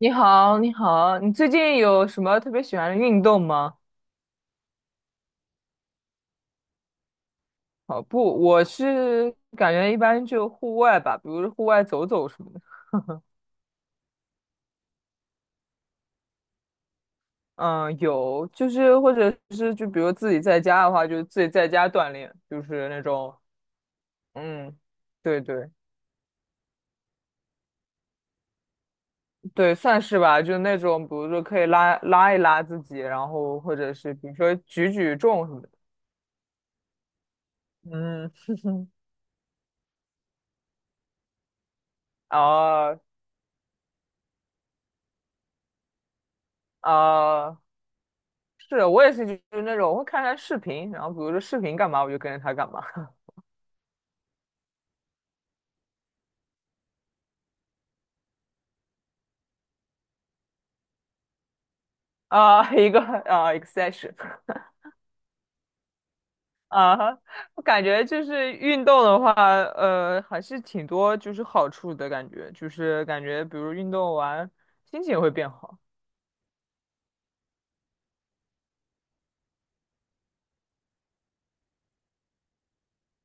你好，你好，你最近有什么特别喜欢的运动吗？跑步，我是感觉一般就户外吧，比如户外走走什么的。嗯，有，就是或者是就比如自己在家的话，就自己在家锻炼，就是那种，嗯，对对对，算是吧，就那种，比如说可以拉拉一拉自己，然后或者是比如说举重什么的。嗯，哦哦。是我也是，就是那种我会看他视频，然后比如说视频干嘛，我就跟着他干嘛 啊、一个啊、exestion 啊我感觉就是运动的话，还是挺多就是好处的感觉，就是感觉比如运动完心情也会变好。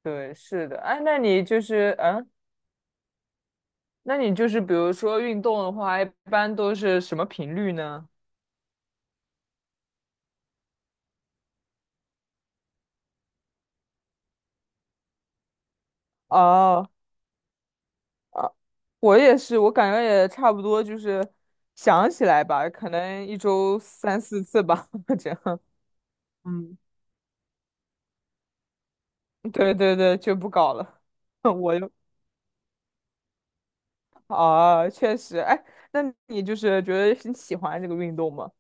对，是的，哎，那你就是比如说运动的话，一般都是什么频率呢？哦，我也是，我感觉也差不多，就是想起来吧，可能一周三四次吧，这样。嗯，对对对，就不搞了。我又啊，确实，哎，那你就是觉得你喜欢这个运动吗？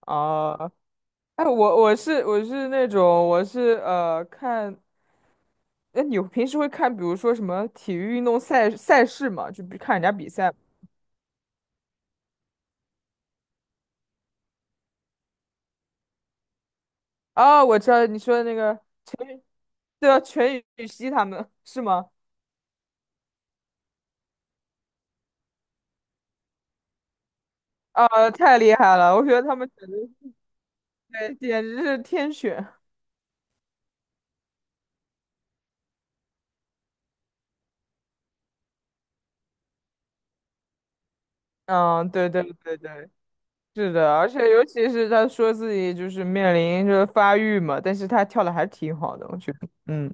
啊，哎，我是那种看，哎，你平时会看，比如说什么体育运动赛事嘛，就比看人家比赛吗？啊，我知道你说的那个全，对啊，全羽西他们是吗？啊，太厉害了！我觉得他们简直对，简直是天选。嗯，对对对对，是的，而且尤其是他说自己就是面临着发育嘛，但是他跳的还是挺好的，我觉得。嗯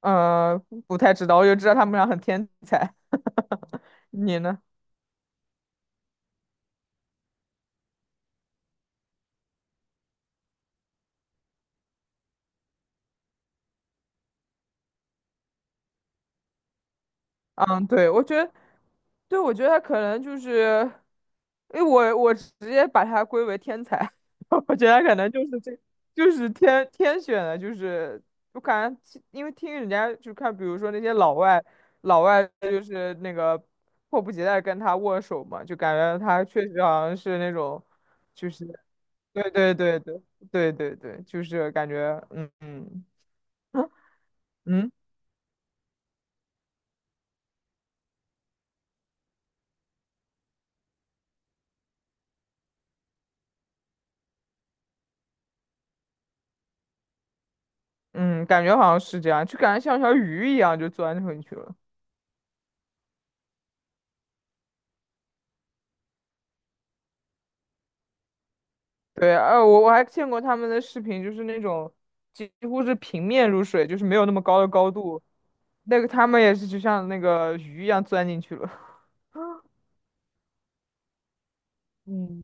呃，不太知道，我就知道他们俩很天才。你呢？嗯，对，我觉得，对，我觉得他可能就是，因为我直接把他归为天才，我觉得他可能就是这，就是天选的，就是我感觉其因为听人家就看，比如说那些老外，老外就是那个迫不及待跟他握手嘛，就感觉他确实好像是那种，就是对对对对对对对，就是感觉嗯嗯 嗯。嗯，感觉好像是这样，就感觉像条鱼一样就钻进去了。对，我还见过他们的视频，就是那种几乎是平面入水，就是没有那么高的高度，那个他们也是就像那个鱼一样钻进去了。嗯，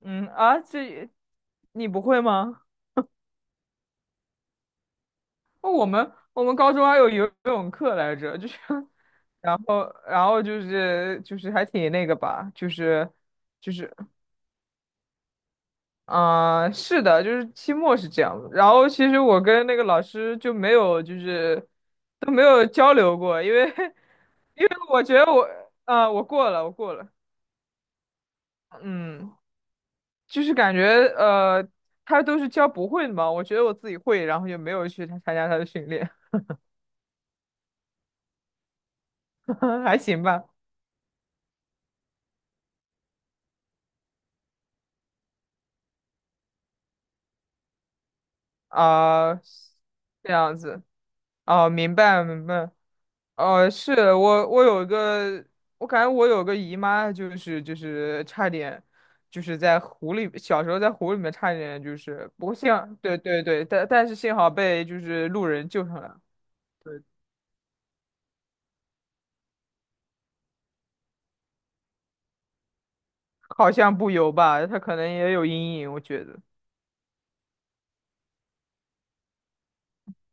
嗯啊，这你不会吗？哦，我们高中还有游泳课来着，就是，然后就是还挺那个吧，就是啊、是的，就是期末是这样的。然后其实我跟那个老师就没有，就是都没有交流过，因为 因为我觉得我，啊、我过了，我过了，嗯，就是感觉呃，他都是教不会的嘛，我觉得我自己会，然后就没有去参加他的训练，还行吧，啊、这样子，哦、明白明白哦，是我，我有一个，我感觉我有个姨妈，就是差点，就是在湖里，小时候在湖里面差点就是，不过幸好对对对，但是幸好被就是路人救上来了，对，好像不游吧，她可能也有阴影，我觉得，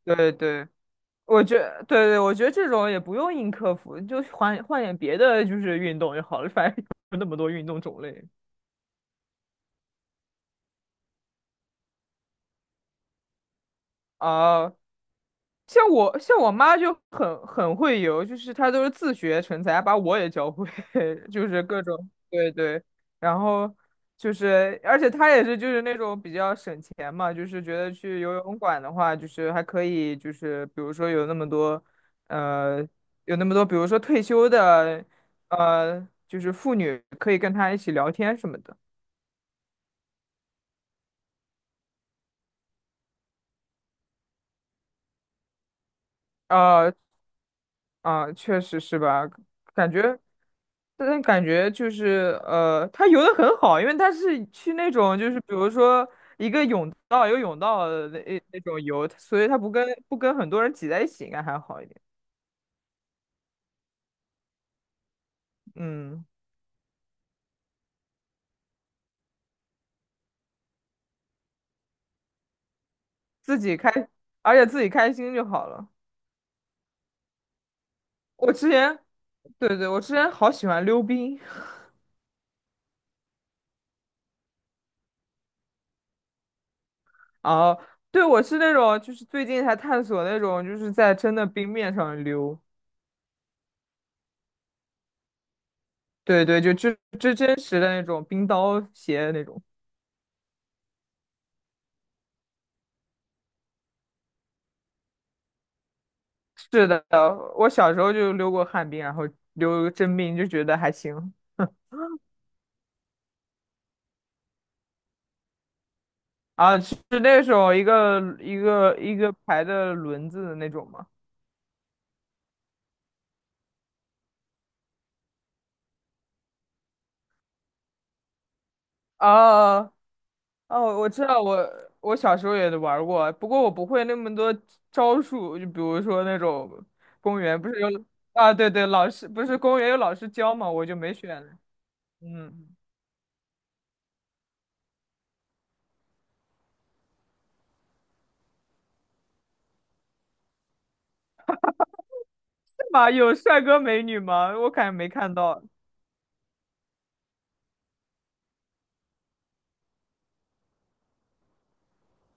对对，我觉对对，我觉得这种也不用硬克服，就换换点别的就是运动就好了，反正 有那么多运动种类啊。哦像我妈就很会游，就是她都是自学成才，把我也教会，就是各种对对，然后就是而且她也是就是那种比较省钱嘛，就是觉得去游泳馆的话，就是还可以就是比如说有那么多呃比如说退休的就是妇女可以跟她一起聊天什么的，呃确实是吧？感觉，但感觉就是他游的很好，因为他是去那种就是比如说岛游泳道的那种游，所以他不跟很多人挤在一起，应该还好一点。嗯，自己开，而且自己开心就好了。我之前，对对，我之前好喜欢溜冰啊，对，我是那种就是最近才探索那种就是在真的冰面上溜，对对，就这真实的那种冰刀鞋那种。是的，我小时候就溜过旱冰，然后溜个真冰，就觉得还行。啊，是那种一个一个一个排的轮子的那种吗？啊，哦，我知道，我小时候也玩儿过，不过我不会那么多招数，就比如说那种公园不是有啊，对对，老师不是公园有老师教嘛，我就没选。嗯，是吗？有帅哥美女吗？我感觉没看到。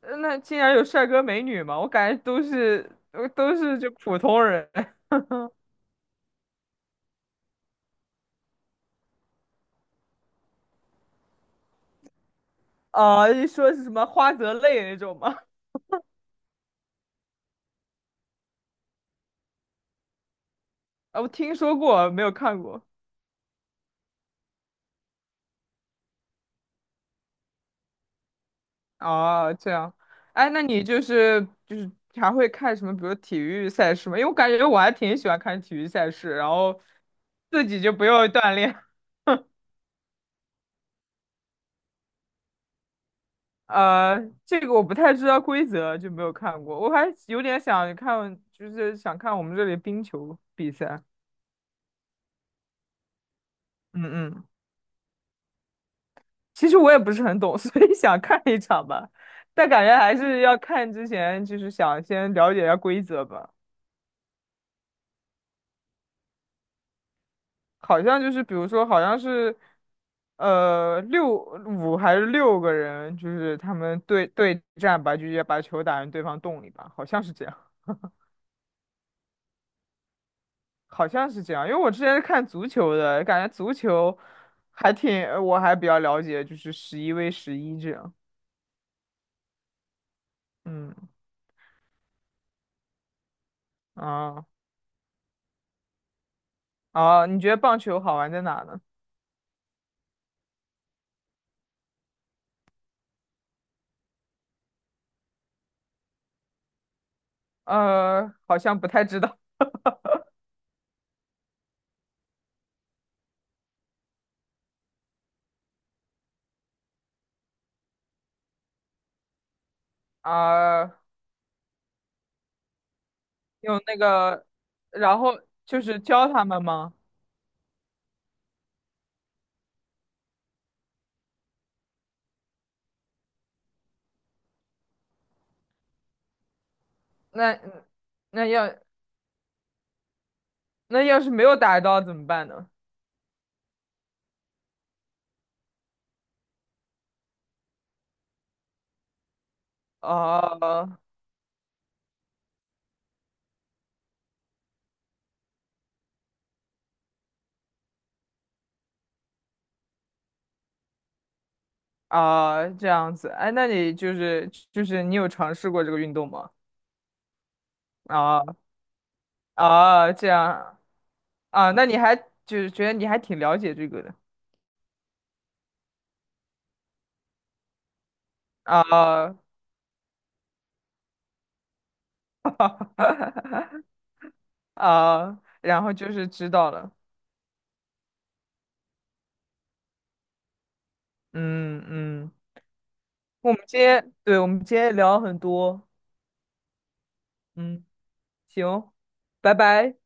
那竟然有帅哥美女吗？我感觉都是就普通人 啊，一说是什么花泽类那种吗？啊，我听说过，没有看过。哦，这样，哎，那你就是还会看什么，比如体育赛事吗？因为我感觉我还挺喜欢看体育赛事，然后自己就不用锻炼。呃，这个我不太知道规则，就没有看过。我还有点想看，就是想看我们这里冰球比赛。嗯嗯其实我也不是很懂，所以想看一场吧，但感觉还是要看之前，就是想先了解一下规则吧。好像就是，比如说，好像是，六五还是六个人，就是他们对战吧，就直接把球打进对方洞里吧，好像是这样，好像是这样。因为我之前是看足球的，感觉足球还挺，我还比较了解，就是11v11这样。嗯，啊啊，你觉得棒球好玩在哪呢？好像不太知道。啊、用那个，然后就是教他们吗？那那要那要是没有打到怎么办呢？哦啊、这样子，哎，那你就是就是你有尝试过这个运动吗？啊啊，这样啊，那你还就是觉得你还挺了解这个的啊 啊，然后就是知道了，嗯嗯，我们今天聊了很多，嗯。行，拜拜。